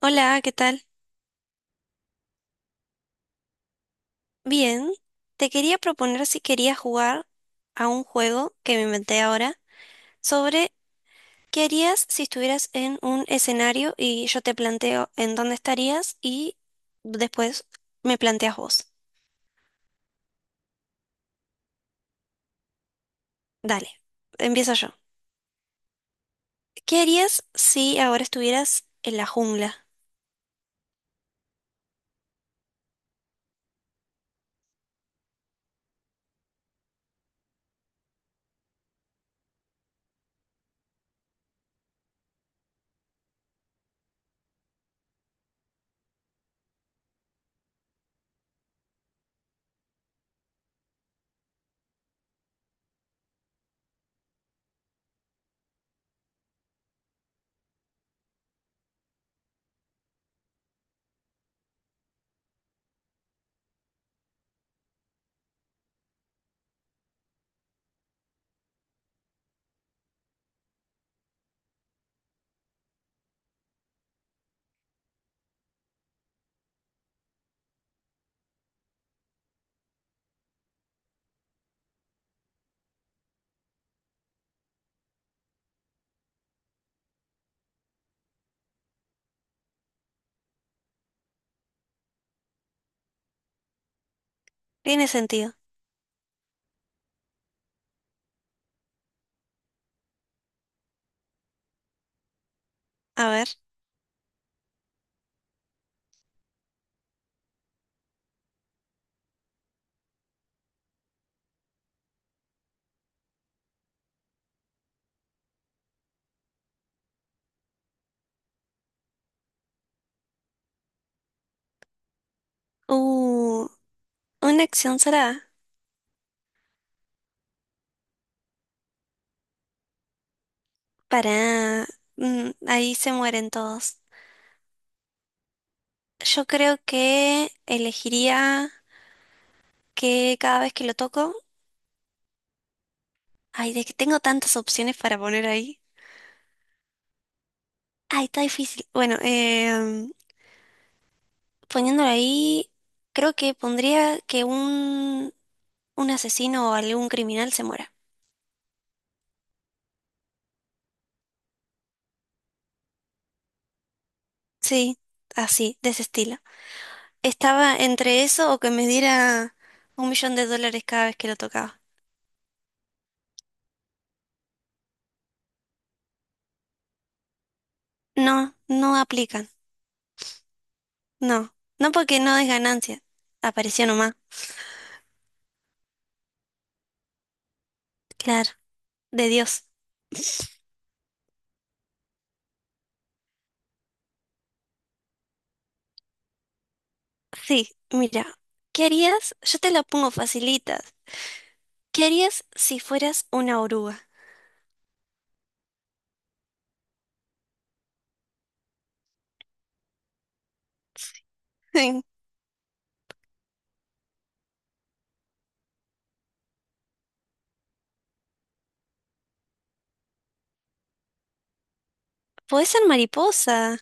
Hola, ¿qué tal? Bien, te quería proponer si querías jugar a un juego que me inventé ahora sobre qué harías si estuvieras en un escenario y yo te planteo en dónde estarías y después me planteas vos. Dale, empiezo yo. ¿Qué harías si ahora estuvieras en la jungla? Tiene sentido. A ver. Uh, una acción será. Para... Ahí se mueren todos. Yo creo que elegiría que cada vez que lo toco, ay, de que tengo tantas opciones para poner ahí. Ay, está difícil. Bueno, poniéndolo ahí, creo que pondría que un asesino o algún criminal se muera. Sí, así, de ese estilo. Estaba entre eso o que me diera $1.000.000 cada vez que lo tocaba. No, no aplican. No, no porque no es ganancia. Apareció nomás. Claro, de Dios. Sí, mira, ¿qué harías? Yo te la pongo facilita. ¿Qué harías si fueras una oruga? Podés ser mariposa.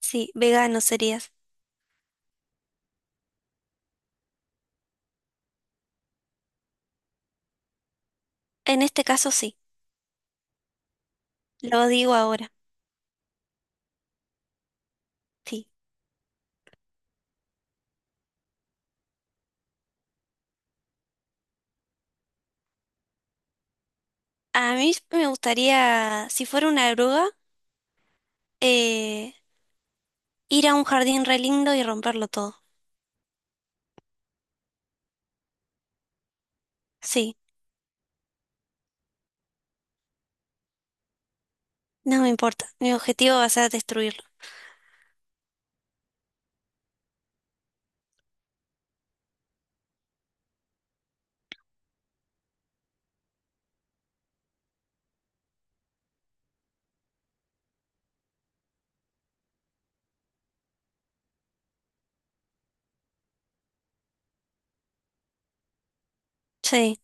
Sí, vegano serías. En este caso sí, lo digo ahora. Sí. A mí me gustaría, si fuera una oruga, eh, ir a un jardín re lindo y romperlo todo. Sí, no me importa. Mi objetivo va a ser destruirlo. Sí.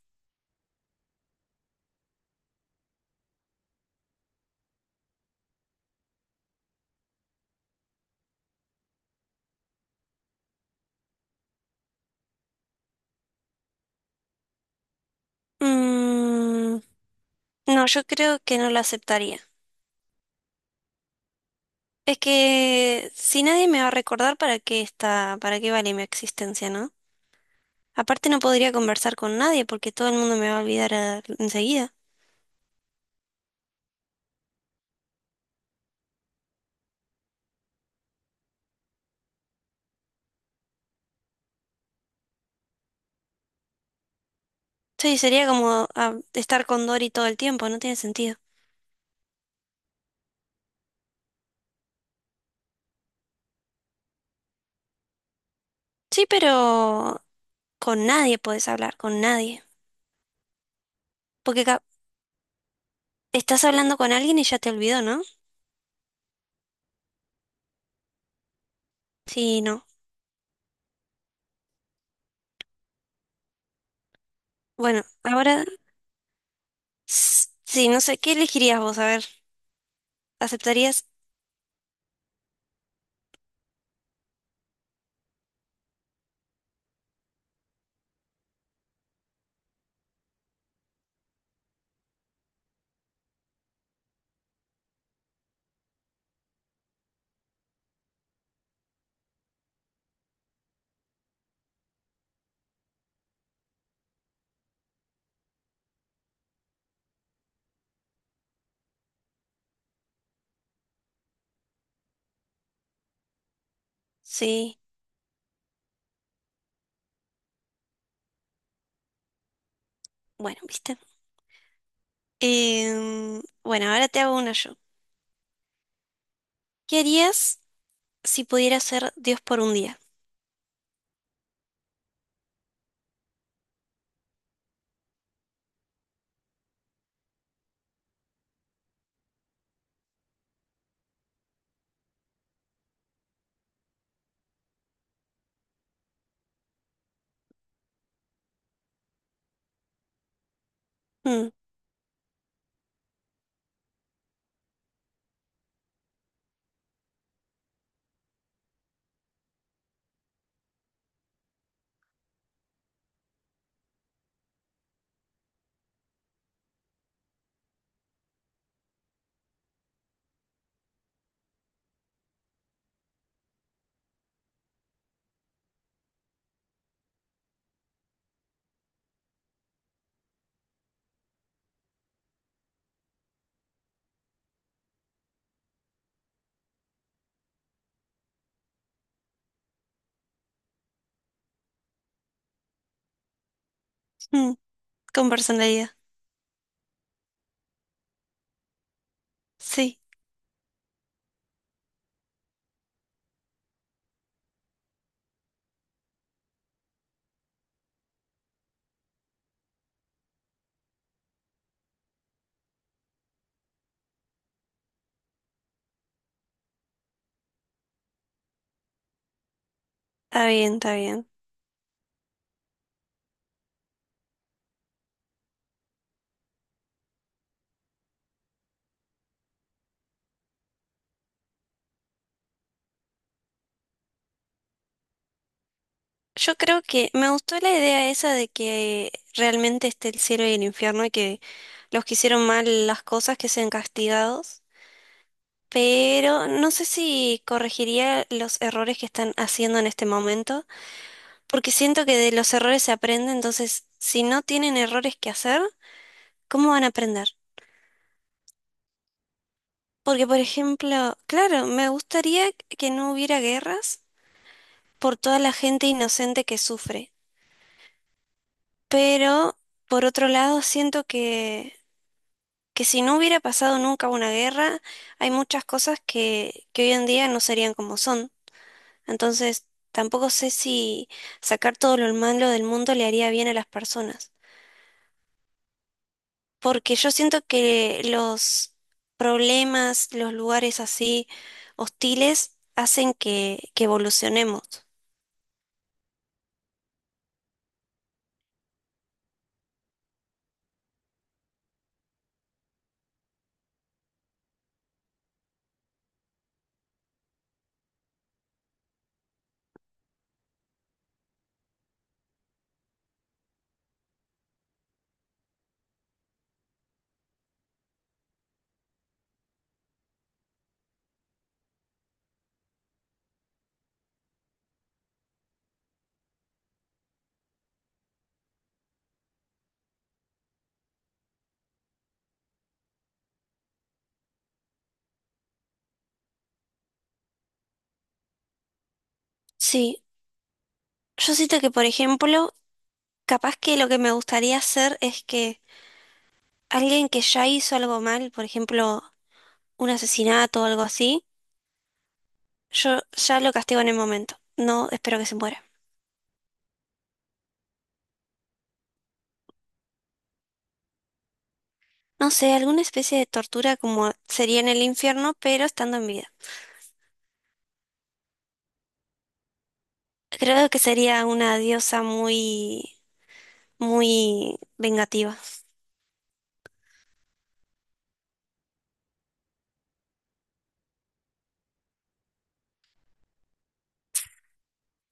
Mm, no, yo creo que no lo aceptaría. Es que si nadie me va a recordar para qué está, para qué vale mi existencia, ¿no? Aparte no podría conversar con nadie porque todo el mundo me va a olvidar enseguida. Sí, sería como estar con Dory todo el tiempo, no tiene sentido. Sí, pero con nadie puedes hablar, con nadie. Porque estás hablando con alguien y ya te olvidó, ¿no? Sí, no. Bueno, ahora sí, no sé, ¿qué elegirías vos? A ver, ¿aceptarías? Sí, bueno, viste. Bueno, ahora te hago una yo. ¿Qué harías si pudieras ser Dios por un día? Mm, mm, con personalidad. Sí. Está bien, está bien. Yo creo que me gustó la idea esa de que realmente esté el cielo y el infierno y que los que hicieron mal las cosas que sean castigados, pero no sé si corregiría los errores que están haciendo en este momento, porque siento que de los errores se aprende, entonces si no tienen errores que hacer, ¿cómo van a aprender? Porque, por ejemplo, claro, me gustaría que no hubiera guerras por toda la gente inocente que sufre. Pero, por otro lado, siento que, si no hubiera pasado nunca una guerra, hay muchas cosas que, hoy en día no serían como son. Entonces, tampoco sé si sacar todo lo malo del mundo le haría bien a las personas. Porque yo siento que los problemas, los lugares así hostiles, hacen que, evolucionemos. Sí, yo siento que, por ejemplo, capaz que lo que me gustaría hacer es que alguien que ya hizo algo mal, por ejemplo, un asesinato o algo así, yo ya lo castigo en el momento. No espero que se muera. No sé, alguna especie de tortura como sería en el infierno, pero estando en vida. Creo que sería una diosa muy, muy vengativa.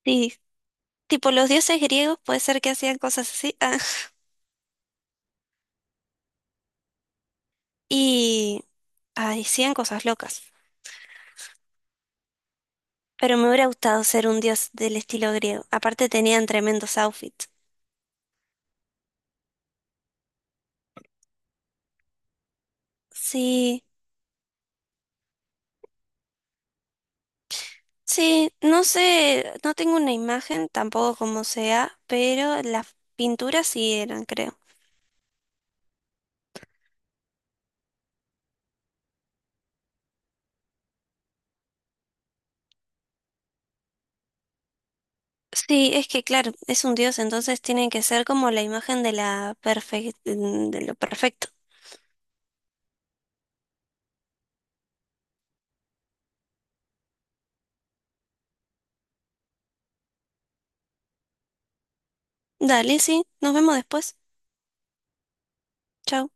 Sí, tipo los dioses griegos puede ser que hacían cosas así, y hacían cosas locas. Pero me hubiera gustado ser un dios del estilo griego. Aparte tenían tremendos outfits. Sí. Sí, no sé, no tengo una imagen tampoco como sea, pero las pinturas sí eran, creo. Sí, es que claro, es un dios, entonces tiene que ser como la imagen de de lo perfecto. Dale, sí, nos vemos después. Chao.